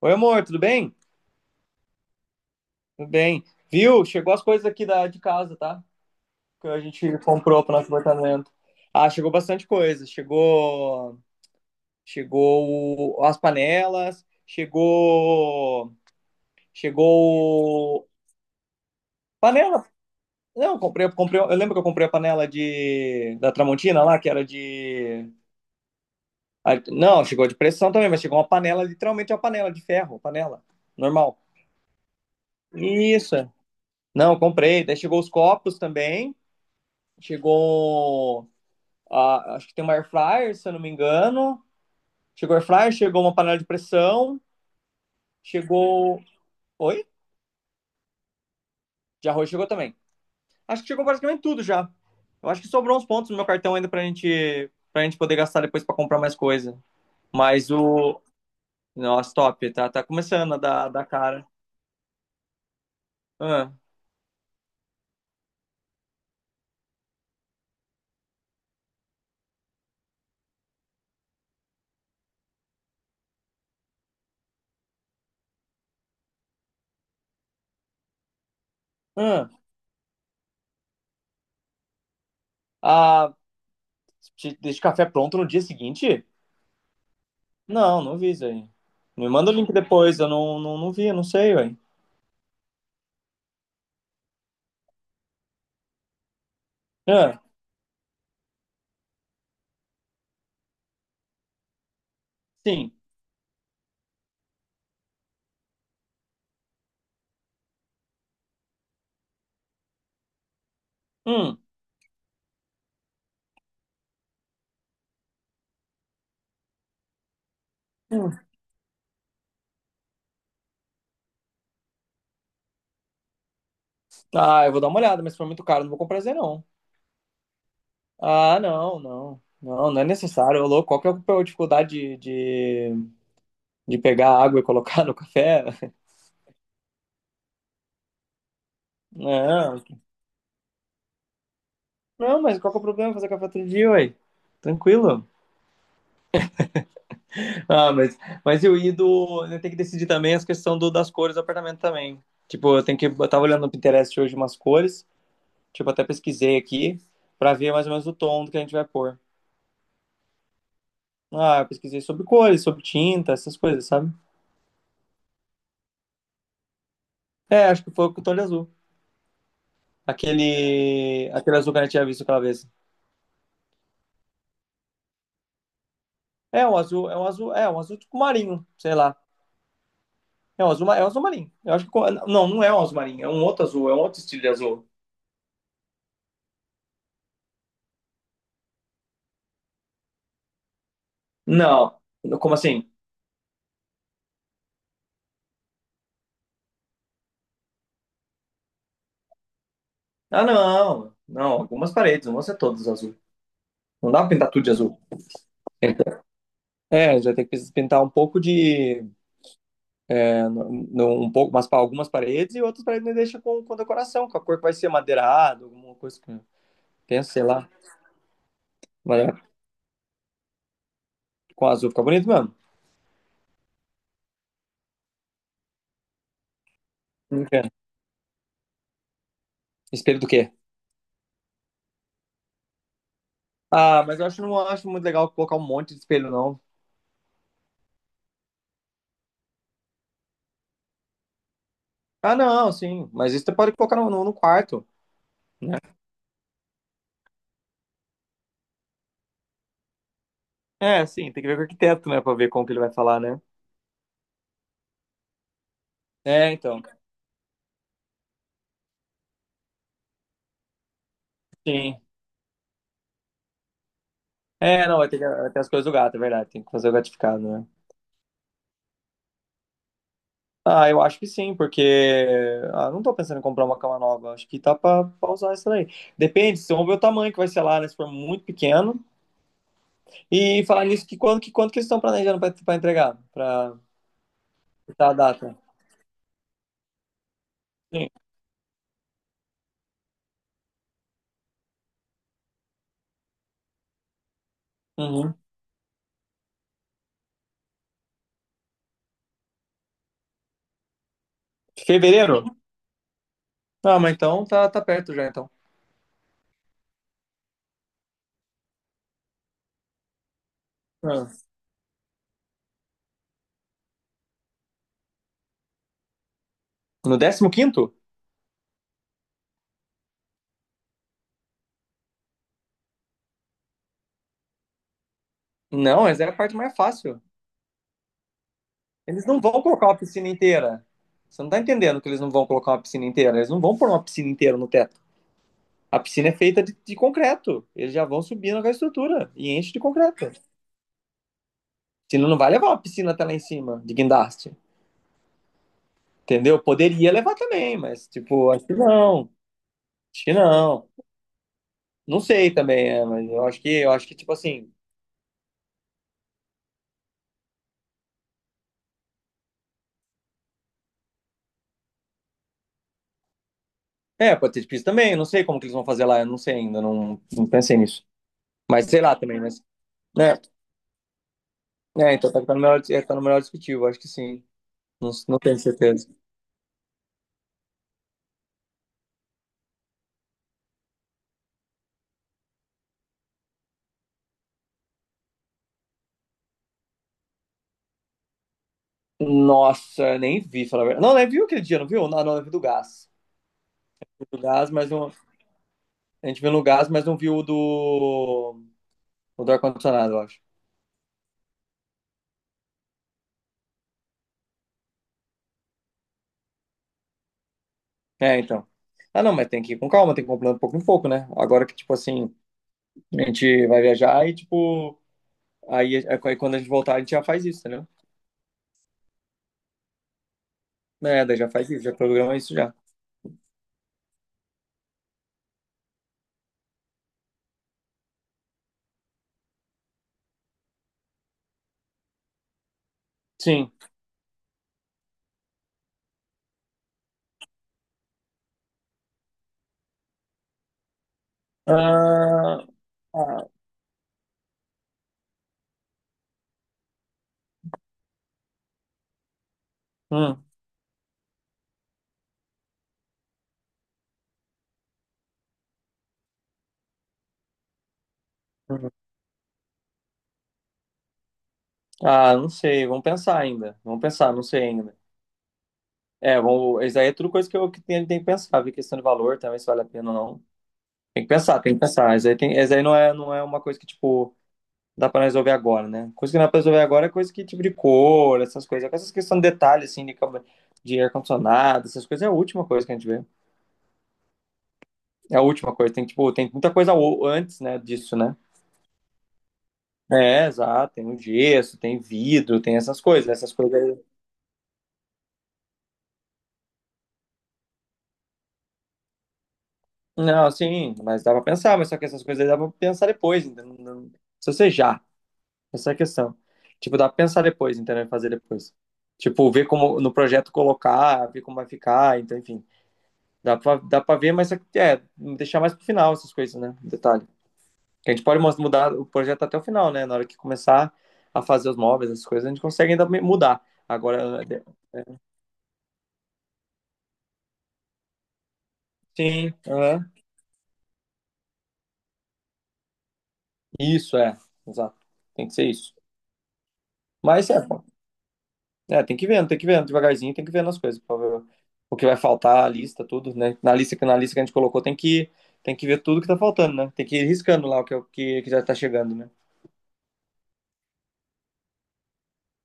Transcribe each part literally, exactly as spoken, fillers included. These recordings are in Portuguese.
Oi, amor, tudo bem? Tudo bem. Viu? Chegou as coisas aqui da, de casa, tá? Que a gente comprou pro nosso apartamento. Ah, chegou bastante coisa. Chegou, chegou o- as panelas, chegou, chegou panela. Não, eu comprei, comprei, eu lembro que eu comprei a panela de da Tramontina lá, que era de. ah, Não, chegou de pressão também, mas chegou uma panela, literalmente uma panela de ferro, panela normal. Isso. Não, comprei. Daí chegou os copos também. Chegou. A acho que tem uma air fryer, se eu não me engano. Chegou air fryer, chegou uma panela de pressão, chegou. Oi? De arroz chegou também. Acho que chegou praticamente tudo já. Eu acho que sobrou uns pontos no meu cartão ainda pra gente, pra gente poder gastar depois pra comprar mais coisa. Mas o. Nossa, top. Tá, tá começando a dar, dar cara. Ah, ah. Ah, te deixa o café pronto no dia seguinte? Não, não vi isso aí. Me manda o link depois, eu não, não, não vi, eu não sei, ué. Ah, sim. Hum. Tá, eu vou dar uma olhada, mas se for muito caro, não vou comprar Z, não. Ah, não, não. Não, não é necessário. Ô, louco, qual que é a dificuldade de, de, de pegar água e colocar no café? Não, não, mas qual que é o problema fazer café todo dia, ué? Tranquilo. Ah, mas, mas eu ia do. Eu tenho que decidir também as questões do, das cores do apartamento também. Tipo, eu tenho que. Eu tava olhando no Pinterest hoje umas cores. Tipo, até pesquisei aqui pra ver mais ou menos o tom do que a gente vai pôr. Ah, eu pesquisei sobre cores, sobre tinta, essas coisas, sabe? É, acho que foi com o tom de azul. Aquele, aquele azul que a gente tinha visto aquela vez. É um azul, é um azul, é um azul tipo marinho, sei lá. É um azul, ma- é um azul marinho. Eu acho que co- não, não é um azul marinho, é um outro azul, é um outro estilo de azul. Não, como assim? Ah, não, não. Algumas paredes, não vão ser todas azul. Não dá pra pintar tudo de azul. Então, é, já tem que pintar um pouco de, é, no- no- um pouco, mas para algumas paredes e outras paredes deixa com, com decoração, com a cor que vai ser madeirado, alguma coisa que pensa, sei lá, mas é, com azul fica bonito mesmo. Não quero. Espelho do quê? Ah, mas eu acho, não acho muito legal colocar um monte de espelho, não. Ah, não, sim. Mas isso você pode colocar no, no, no quarto, né? É, sim, tem que ver com o arquiteto, né, pra ver como que ele vai falar, né? É, então. Sim. É, não, vai ter, que- vai ter as coisas do gato, é verdade. Tem que fazer o gatificado, né? Ah, eu acho que sim, porque. Ah, não tô pensando em comprar uma cama nova. Acho que tá pra, pra usar essa daí. Depende, vocês vão ver o tamanho que vai ser lá, né? Se for muito pequeno. E falar nisso, que quando que, quando que eles estão planejando pra, pra entregar? Pra pra a data? Sim. Uhum. Fevereiro? Ah, mas então tá, tá perto já, então. Ah. No décimo quinto? Não, mas é a parte mais fácil. Eles não vão colocar uma piscina inteira. Você não tá entendendo que eles não vão colocar uma piscina inteira. Eles não vão pôr uma piscina inteira no teto. A piscina é feita de, de concreto. Eles já vão subindo com a estrutura e enche de concreto. Senão não vai levar uma piscina até lá em cima, de guindaste. Entendeu? Poderia levar também, mas, tipo, acho que não. Acho que não. Não sei também, é, mas eu acho que, eu acho que, tipo assim. É, pode ter difícil também. Eu não sei como que eles vão fazer lá. Eu não sei ainda. Não, não pensei nisso. Mas sei lá também, mas. É, é então tá, tá no melhor, é, tá no melhor discutível, acho que sim. Não, não tenho certeza. Nossa, nem vi, falar a verdade. Não, nem viu aquele dia, não viu? Não, não, eu vi do gás. Do gás, mas não. A gente viu no gás, mas não viu o do. O do ar-condicionado, eu acho. É, então. Ah, não, mas tem que ir com calma, tem que ir comprando pouco em pouco, né? Agora que, tipo assim, a gente vai viajar e, tipo. Aí, é, aí quando a gente voltar, a gente já faz isso, entendeu? É, daí já faz isso, já programa isso já. Sim. Ah, ah, hum. Hum. Ah, não sei, vamos pensar ainda. Vamos pensar, não sei ainda. É, vamos, isso aí é tudo coisa que eu que tenho, tem que pensar, ver questão de valor também, se vale a pena ou não. Tem que pensar, tem que pensar. Isso aí, tem, isso aí não é, não é uma coisa que, tipo, dá pra resolver agora, né? Coisa que não dá pra resolver agora é coisa que, tipo, de cor, essas coisas. Essas questões de detalhe, assim, de, cama- de ar-condicionado, essas coisas é a última coisa que a gente vê. É a última coisa. Tem, tipo, tem muita coisa o- antes, né, disso, né? É, exato. Tem o gesso, tem vidro, tem essas coisas. Essas coisas. Não, sim, mas dá pra pensar, mas só que essas coisas aí dá pra pensar depois, entendeu? Não- não- Se você já, essa é a questão. Tipo, dá pra pensar depois, entendeu? E fazer depois. Tipo, ver como no projeto colocar, ver como vai ficar, então, enfim. Dá pra, dá pra ver, mas é, deixar mais pro final essas coisas, né? Um detalhe. Que a gente pode mos- mudar o projeto até o final, né? Na hora que começar a fazer os móveis, essas coisas, a gente consegue ainda me- mudar. Agora, sim, aham. Isso, é. Exato. Tem que ser isso. Mas é. É, tem que ir vendo, tem que ir vendo devagarzinho, tem que ir vendo as coisas, pra ver o que vai faltar, a lista, tudo, né? Na lista que na lista que a gente colocou tem que tem que ver tudo que tá faltando, né? Tem que ir riscando lá o que, é o que, que já tá chegando, né?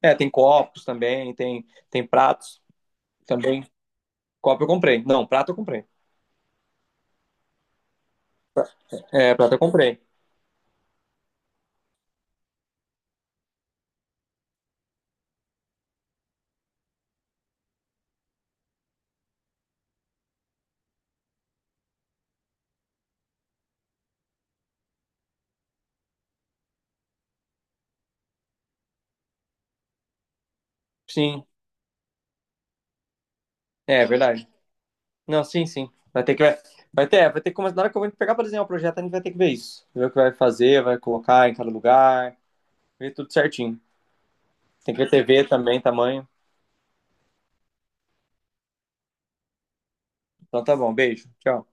É, tem copos também, tem tem pratos também. Copo eu comprei. Não, prato eu comprei. É, prato eu comprei. Sim, é é verdade. Não, sim, sim. Vai ter que vai, vai ter, é, vai ter que começar na hora que eu vou pegar pra desenhar o projeto, a gente vai ter que ver isso. Ver o que vai fazer, vai colocar em cada lugar, ver tudo certinho. Tem que ver T V também, tamanho. Então tá bom, beijo. Tchau.